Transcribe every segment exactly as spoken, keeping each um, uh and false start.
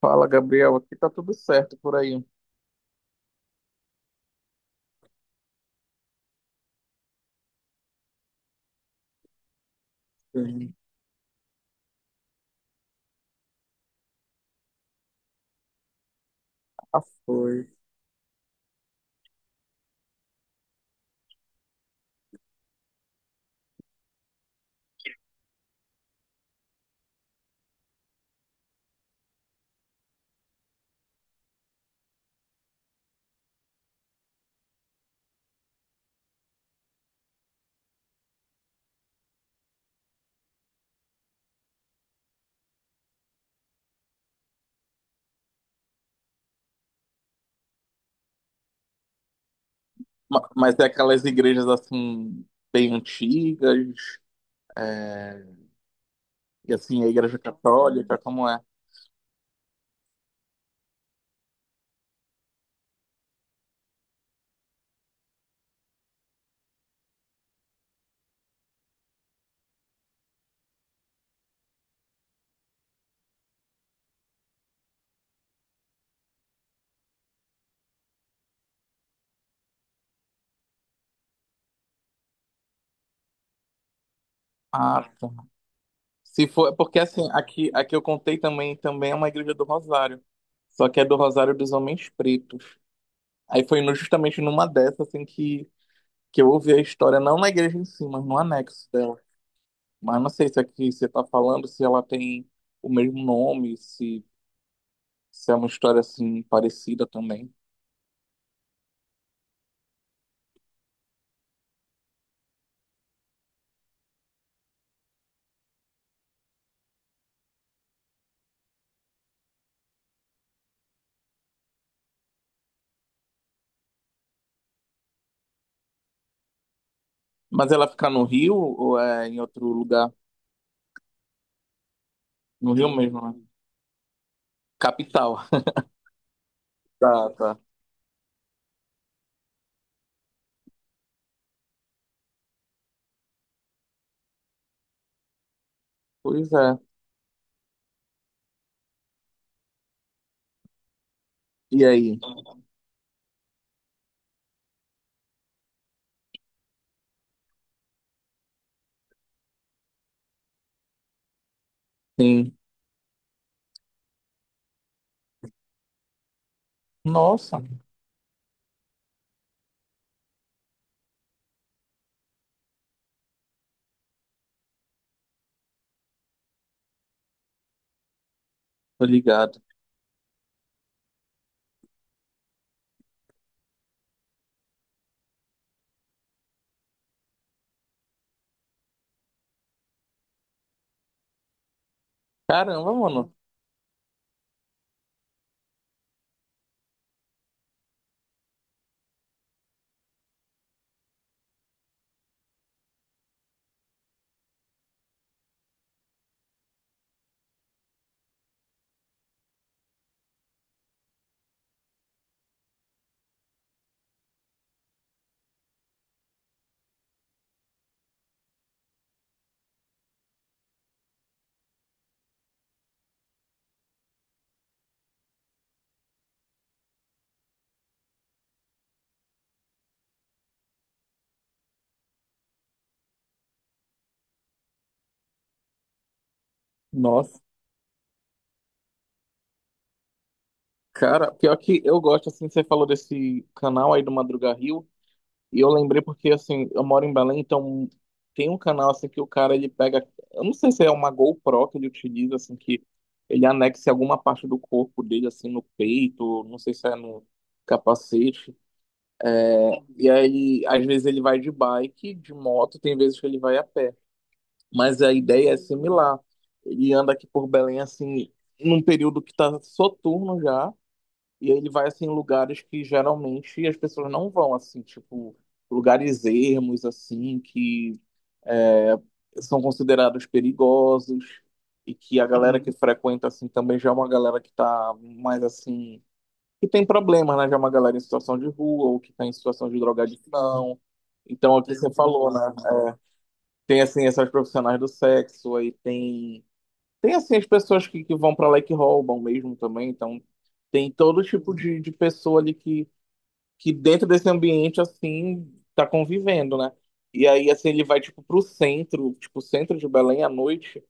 Fala, Gabriel. Aqui tá tudo certo por aí. Sim, já foi. Ma- Mas é aquelas igrejas assim, bem antigas, é, e assim, a igreja católica, como é? Ah, tá. Se for, é porque assim, aqui, aqui eu contei também, também é uma igreja do Rosário, só que é do Rosário dos Homens Pretos. Aí foi no- justamente numa dessas, assim, que, que eu ouvi a história, não na igreja em si, mas no anexo dela. Mas não sei se aqui você tá falando, se ela tem o mesmo nome, se se é uma história assim parecida também. Mas ela fica no Rio ou é em outro lugar? No Rio mesmo, né? Capital. Tá, tá. Pois é. E aí? Sim. Nossa, tô ligado. Caramba, mano. Nossa. Cara, pior que eu gosto, assim, você falou desse canal aí do Madruga Rio. E eu lembrei porque, assim, eu moro em Belém, então tem um canal, assim, que o cara, ele pega... Eu não sei se é uma GoPro que ele utiliza, assim, que ele anexa em alguma parte do corpo dele, assim, no peito, não sei se é no capacete. E aí, às vezes ele vai de bike, de moto, tem vezes que ele vai a pé. Mas a ideia é similar. Ele anda aqui por Belém, assim, num período que tá soturno já, e ele vai assim em lugares que geralmente as pessoas não vão, assim, tipo, lugares ermos, assim, que são considerados perigosos e que a galera que Uhum. frequenta, assim, também já é uma galera que tá mais, assim, que tem problemas, né? Já é uma galera em situação de rua ou que tá em situação de drogadição. Então, é o que você falou, né? Tem, assim, essas profissionais do sexo, aí tem... Tem, assim, as pessoas que, que vão pra lá e que roubam mesmo também, então... Tem todo tipo de, de pessoa ali que que dentro desse ambiente, assim, tá convivendo, né? E aí, assim, ele vai, tipo, pro centro, tipo, o centro de Belém à noite,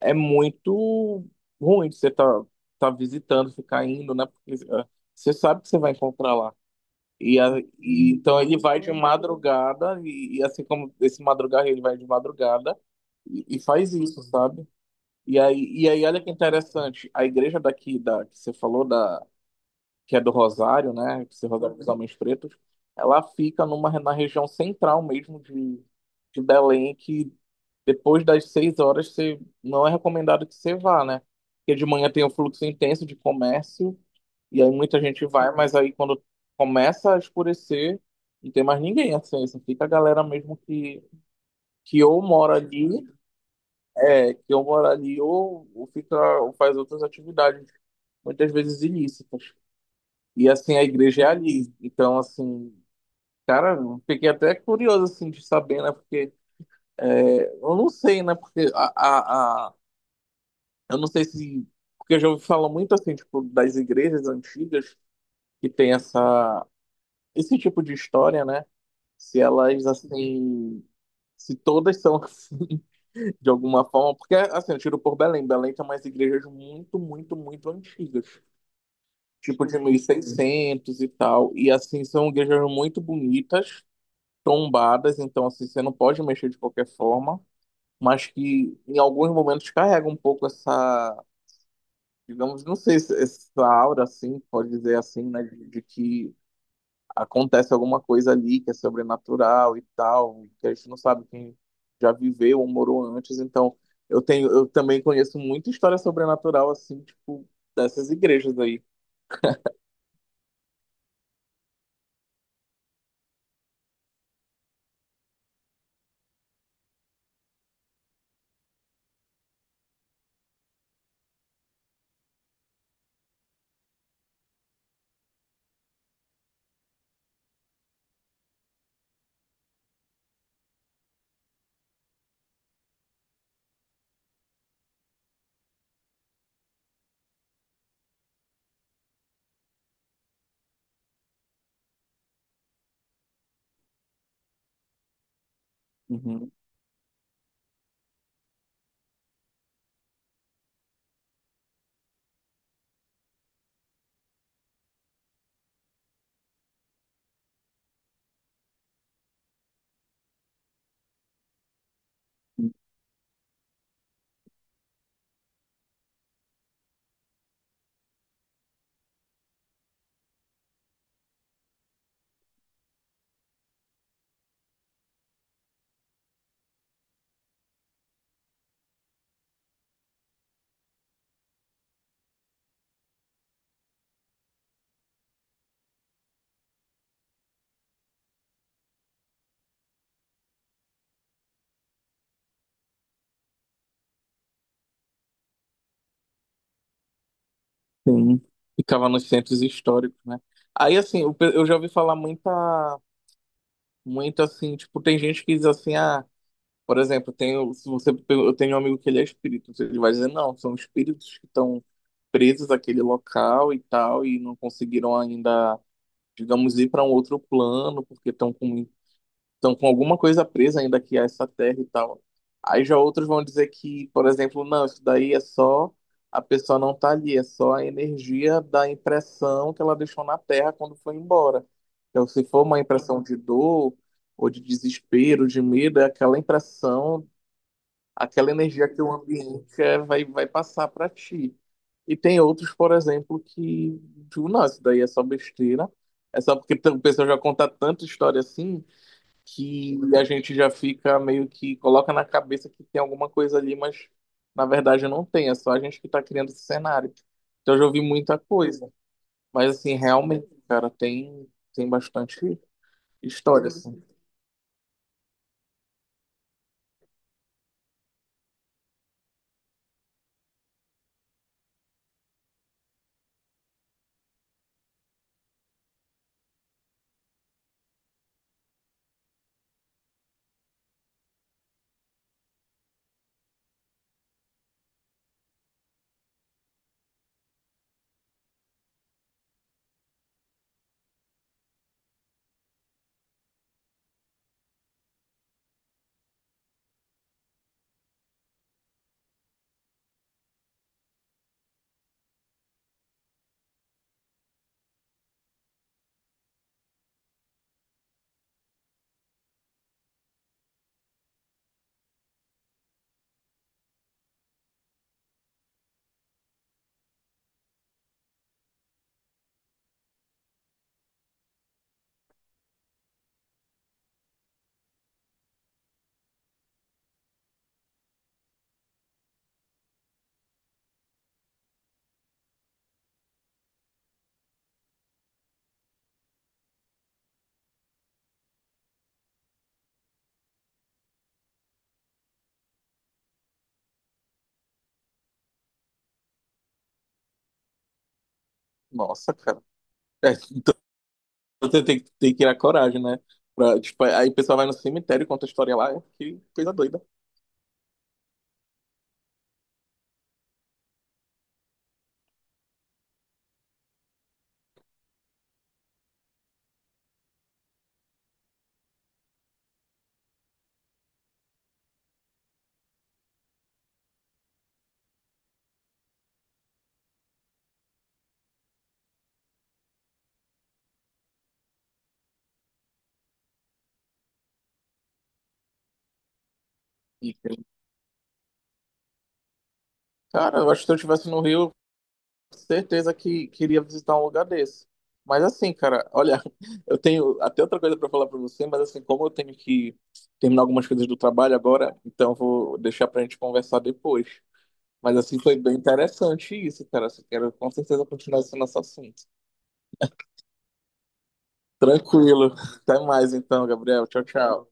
é muito ruim de você tá, tá visitando, ficar indo, né? Porque eh, você sabe que você vai encontrar lá. E, a- e então ele vai de madrugada, e, e assim como esse madrugar, ele vai de madrugada e, e faz isso, sabe? E aí, e aí, olha que interessante, a igreja daqui, da, que você falou, da que é do Rosário, né? Esse Rosário dos Homens Pretos, ela fica numa, na região central mesmo de, de Belém, que depois das seis horas você, não é recomendado que você vá, né? Porque de manhã tem um fluxo intenso de comércio, e aí muita gente vai, mas aí quando começa a escurecer, não tem mais ninguém, assim, só fica a galera mesmo que, que ou mora ali, é, que ou mora ali, ou, ou fica, ou faz outras atividades, muitas vezes ilícitas. E assim, a igreja é ali. Então, assim, cara, eu fiquei até curioso assim de saber, né? Porque eu não sei, né? Porque a, a, a- eu não sei se. Porque eu já ouvi falar muito assim, tipo, das igrejas antigas que tem essa, esse tipo de história, né? Se elas assim. Se todas são assim, de alguma forma. Porque, assim, eu tiro por Belém. Belém tem umas igrejas muito, muito, muito antigas. Tipo de mil e seiscentos e tal. E, assim, são igrejas muito bonitas tombadas, então assim, você não pode mexer de qualquer forma, mas que em alguns momentos carrega um pouco essa, digamos, não sei, se- essa aura assim, pode dizer assim, né, de, de que acontece alguma coisa ali que é sobrenatural e tal, que a gente não sabe quem já viveu ou morou antes, então eu tenho, eu também conheço muita história sobrenatural assim, tipo, dessas igrejas aí. Uhum. Sim. Ficava nos centros históricos, né? Aí, assim, eu eu já ouvi falar muita muito assim, tipo, tem gente que diz assim, ah, por exemplo, tenho, se você, eu tenho um amigo que ele é espírito, então ele vai dizer, não, são espíritos que estão presos àquele local e tal, e não conseguiram ainda, digamos, ir para um outro plano, porque estão com estão com alguma coisa presa ainda aqui a essa terra e tal. Aí já outros vão dizer que, por exemplo, não, isso daí é só a pessoa não tá ali, é só a energia da impressão que ela deixou na terra quando foi embora. Então, se for uma impressão de dor ou de desespero, de medo, é aquela impressão, aquela energia que o ambiente é, vai, vai passar para ti. E tem outros, por exemplo, que, tipo, não, isso daí é só besteira. É só porque o pessoal já conta tanta história assim que a gente já fica meio que coloca na cabeça que tem alguma coisa ali, mas na verdade não tem, é só a gente que está criando esse cenário. Então eu já ouvi muita coisa, mas assim, realmente, cara, tem tem bastante história assim. Nossa, cara. É, então você tem, que- tem que criar coragem, né? Pra, tipo, aí o pessoal vai no cemitério e conta a história lá, é que coisa doida. E, cara, eu acho que se eu estivesse no Rio, certeza que queria visitar um lugar desse. Mas assim, cara, olha, eu tenho até outra coisa para falar para você, mas assim, como eu tenho que terminar algumas coisas do trabalho agora, então eu vou deixar pra gente conversar depois. Mas assim, foi bem interessante isso, cara. Assim, quero com certeza continuar esse nosso assunto. Tranquilo. Até mais então, Gabriel. Tchau, tchau.